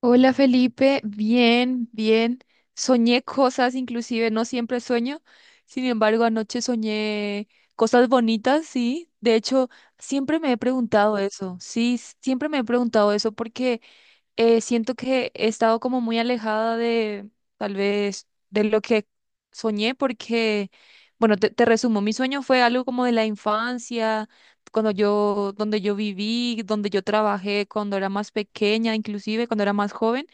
Hola Felipe, bien, bien. Soñé cosas, inclusive no siempre sueño. Sin embargo, anoche soñé cosas bonitas, sí. De hecho, siempre me he preguntado eso, sí, siempre me he preguntado eso porque siento que he estado como muy alejada de tal vez de lo que soñé porque, bueno, te resumo, mi sueño fue algo como de la infancia, cuando yo, donde yo viví, donde yo trabajé, cuando era más pequeña, inclusive cuando era más joven.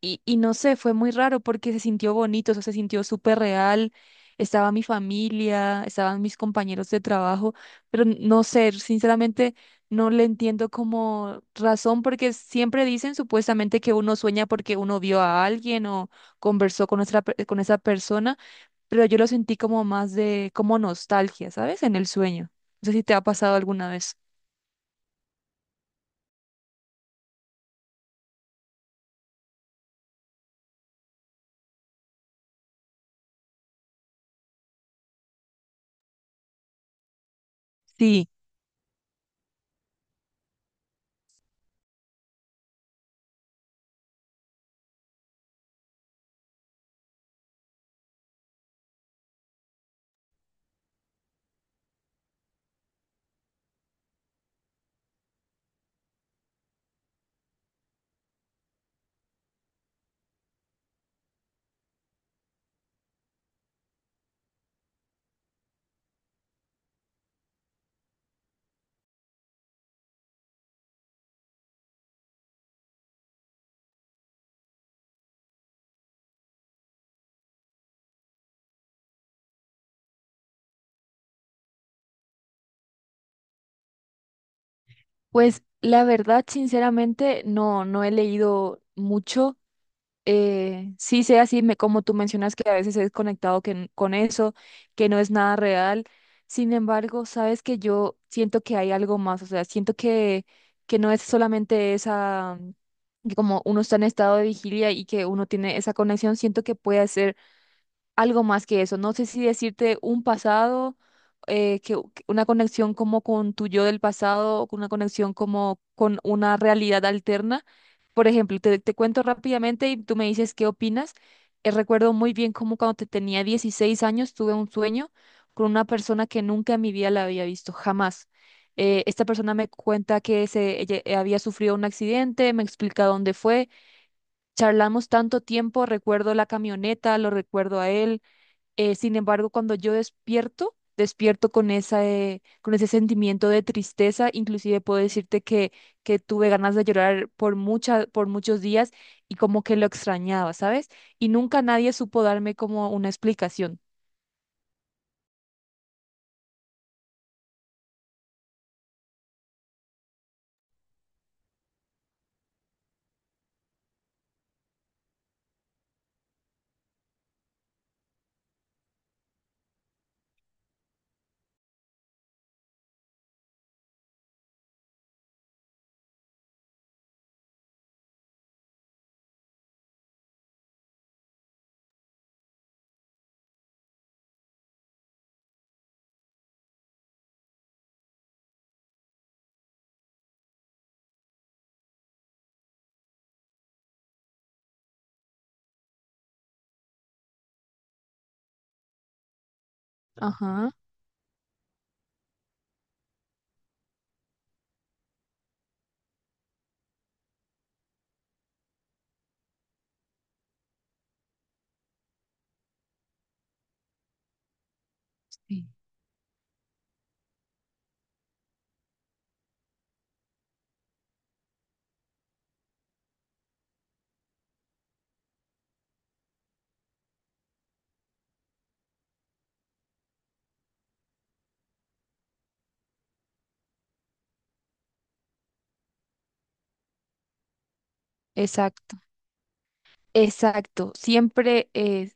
Y no sé, fue muy raro porque se sintió bonito, eso se sintió súper real. Estaba mi familia, estaban mis compañeros de trabajo, pero no sé, sinceramente no le entiendo como razón porque siempre dicen supuestamente que uno sueña porque uno vio a alguien o conversó con con esa persona, pero yo lo sentí como más de como nostalgia, ¿sabes? En el sueño. No sé si te ha pasado alguna vez. Sí, pues la verdad, sinceramente, no, no he leído mucho. Sí sea así, como tú mencionas que a veces he desconectado que con eso, que no es nada real. Sin embargo, sabes que yo siento que hay algo más, o sea, siento que no es solamente esa, que como uno está en estado de vigilia y que uno tiene esa conexión, siento que puede ser algo más que eso. No sé si decirte un pasado, que una conexión como con tu yo del pasado, o con una conexión como con una realidad alterna. Por ejemplo, te cuento rápidamente y tú me dices qué opinas. Recuerdo muy bien cómo cuando te tenía 16 años tuve un sueño con una persona que nunca en mi vida la había visto, jamás. Esta persona me cuenta que se, ella había sufrido un accidente, me explica dónde fue. Charlamos tanto tiempo, recuerdo la camioneta, lo recuerdo a él, sin embargo, cuando yo despierto, despierto con esa, con ese sentimiento de tristeza. Inclusive puedo decirte que tuve ganas de llorar por por muchos días y como que lo extrañaba, ¿sabes? Y nunca nadie supo darme como una explicación. Ajá. Sí. Exacto, exacto. Siempre,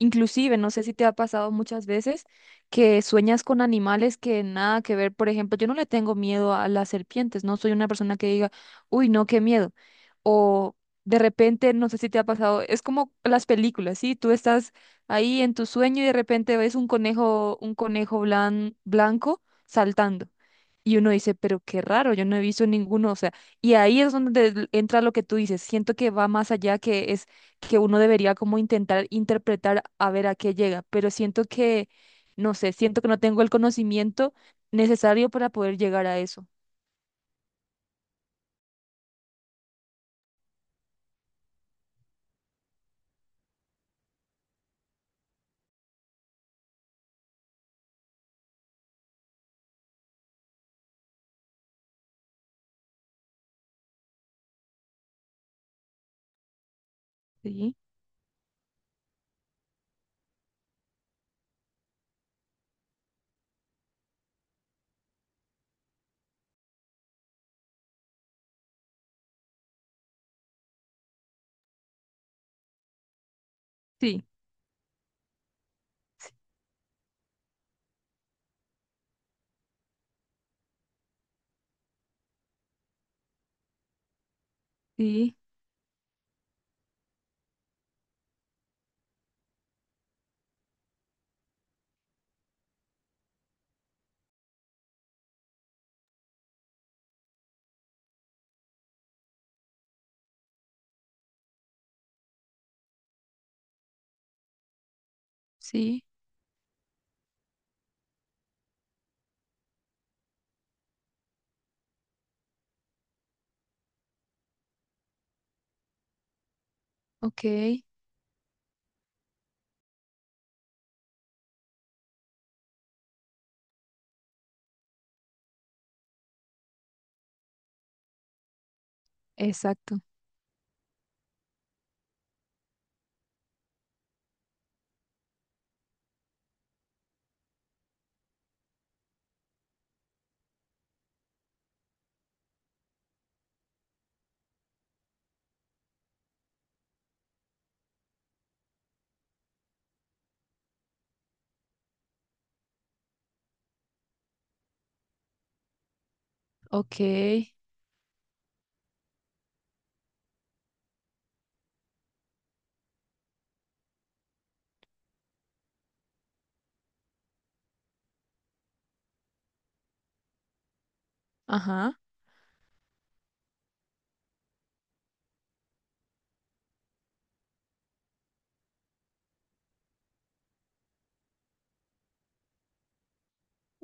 inclusive, no sé si te ha pasado muchas veces que sueñas con animales que nada que ver. Por ejemplo, yo no le tengo miedo a las serpientes, no soy una persona que diga, uy, no, qué miedo. O de repente, no sé si te ha pasado, es como las películas, ¿sí? Tú estás ahí en tu sueño y de repente ves un conejo, un blanco saltando. Y uno dice, pero qué raro, yo no he visto ninguno, o sea, y ahí es donde entra lo que tú dices, siento que va más allá, que es que uno debería como intentar interpretar a ver a qué llega, pero siento que, no sé, siento que no tengo el conocimiento necesario para poder llegar a eso. Sí, sí, sí, sí, ok, exacto, ok, ajá,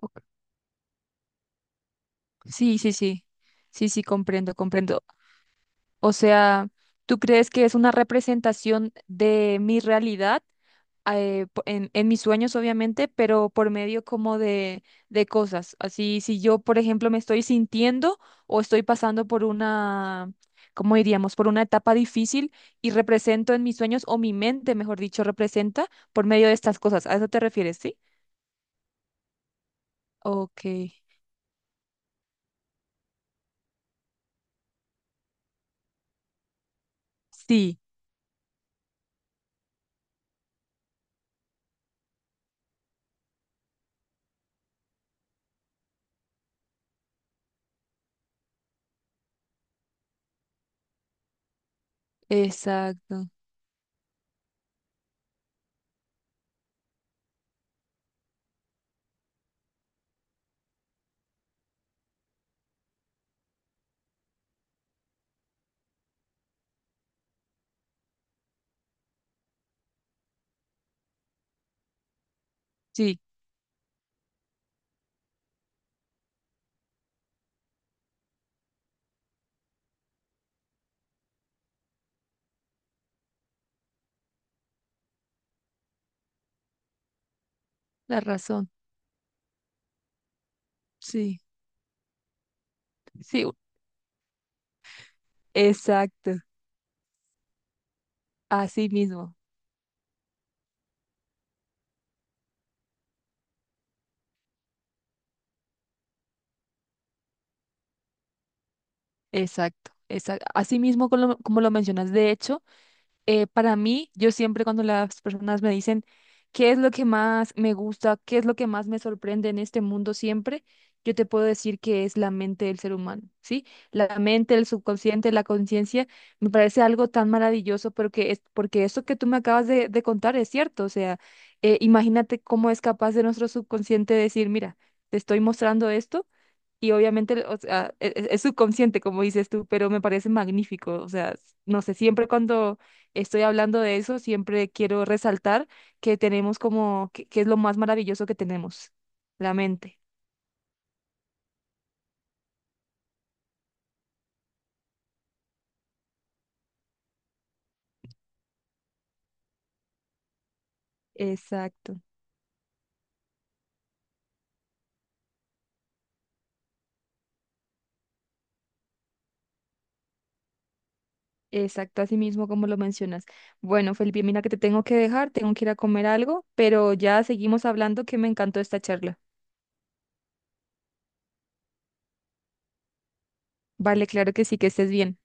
ok, sí, sí, sí, sí, sí, comprendo, comprendo. O sea, ¿tú crees que es una representación de mi realidad? En mis sueños, obviamente, pero por medio como de cosas. Así, si yo, por ejemplo, me estoy sintiendo o estoy pasando por una, ¿cómo diríamos? Por una etapa difícil y represento en mis sueños, o mi mente, mejor dicho, representa por medio de estas cosas. ¿A eso te refieres, sí? Ok. Sí, exacto. Sí, la razón. Sí, sí, exacto. Así mismo. Exacto. Exacto. Así mismo como como lo mencionas. De hecho, para mí, yo siempre cuando las personas me dicen qué es lo que más me gusta, qué es lo que más me sorprende en este mundo siempre, yo te puedo decir que es la mente del ser humano, ¿sí? La mente, el subconsciente, la conciencia, me parece algo tan maravilloso porque es porque eso que tú me acabas de contar es cierto, o sea, imagínate cómo es capaz de nuestro subconsciente decir, mira, te estoy mostrando esto. Y obviamente, o sea, es, subconsciente, como dices tú, pero me parece magnífico. O sea, no sé, siempre cuando estoy hablando de eso, siempre quiero resaltar que tenemos como, que es lo más maravilloso que tenemos, la mente. Exacto, exacto, así mismo como lo mencionas. Bueno, Felipe, mira que te tengo que dejar, tengo que ir a comer algo, pero ya seguimos hablando que me encantó esta charla. Vale, claro que sí, que estés bien.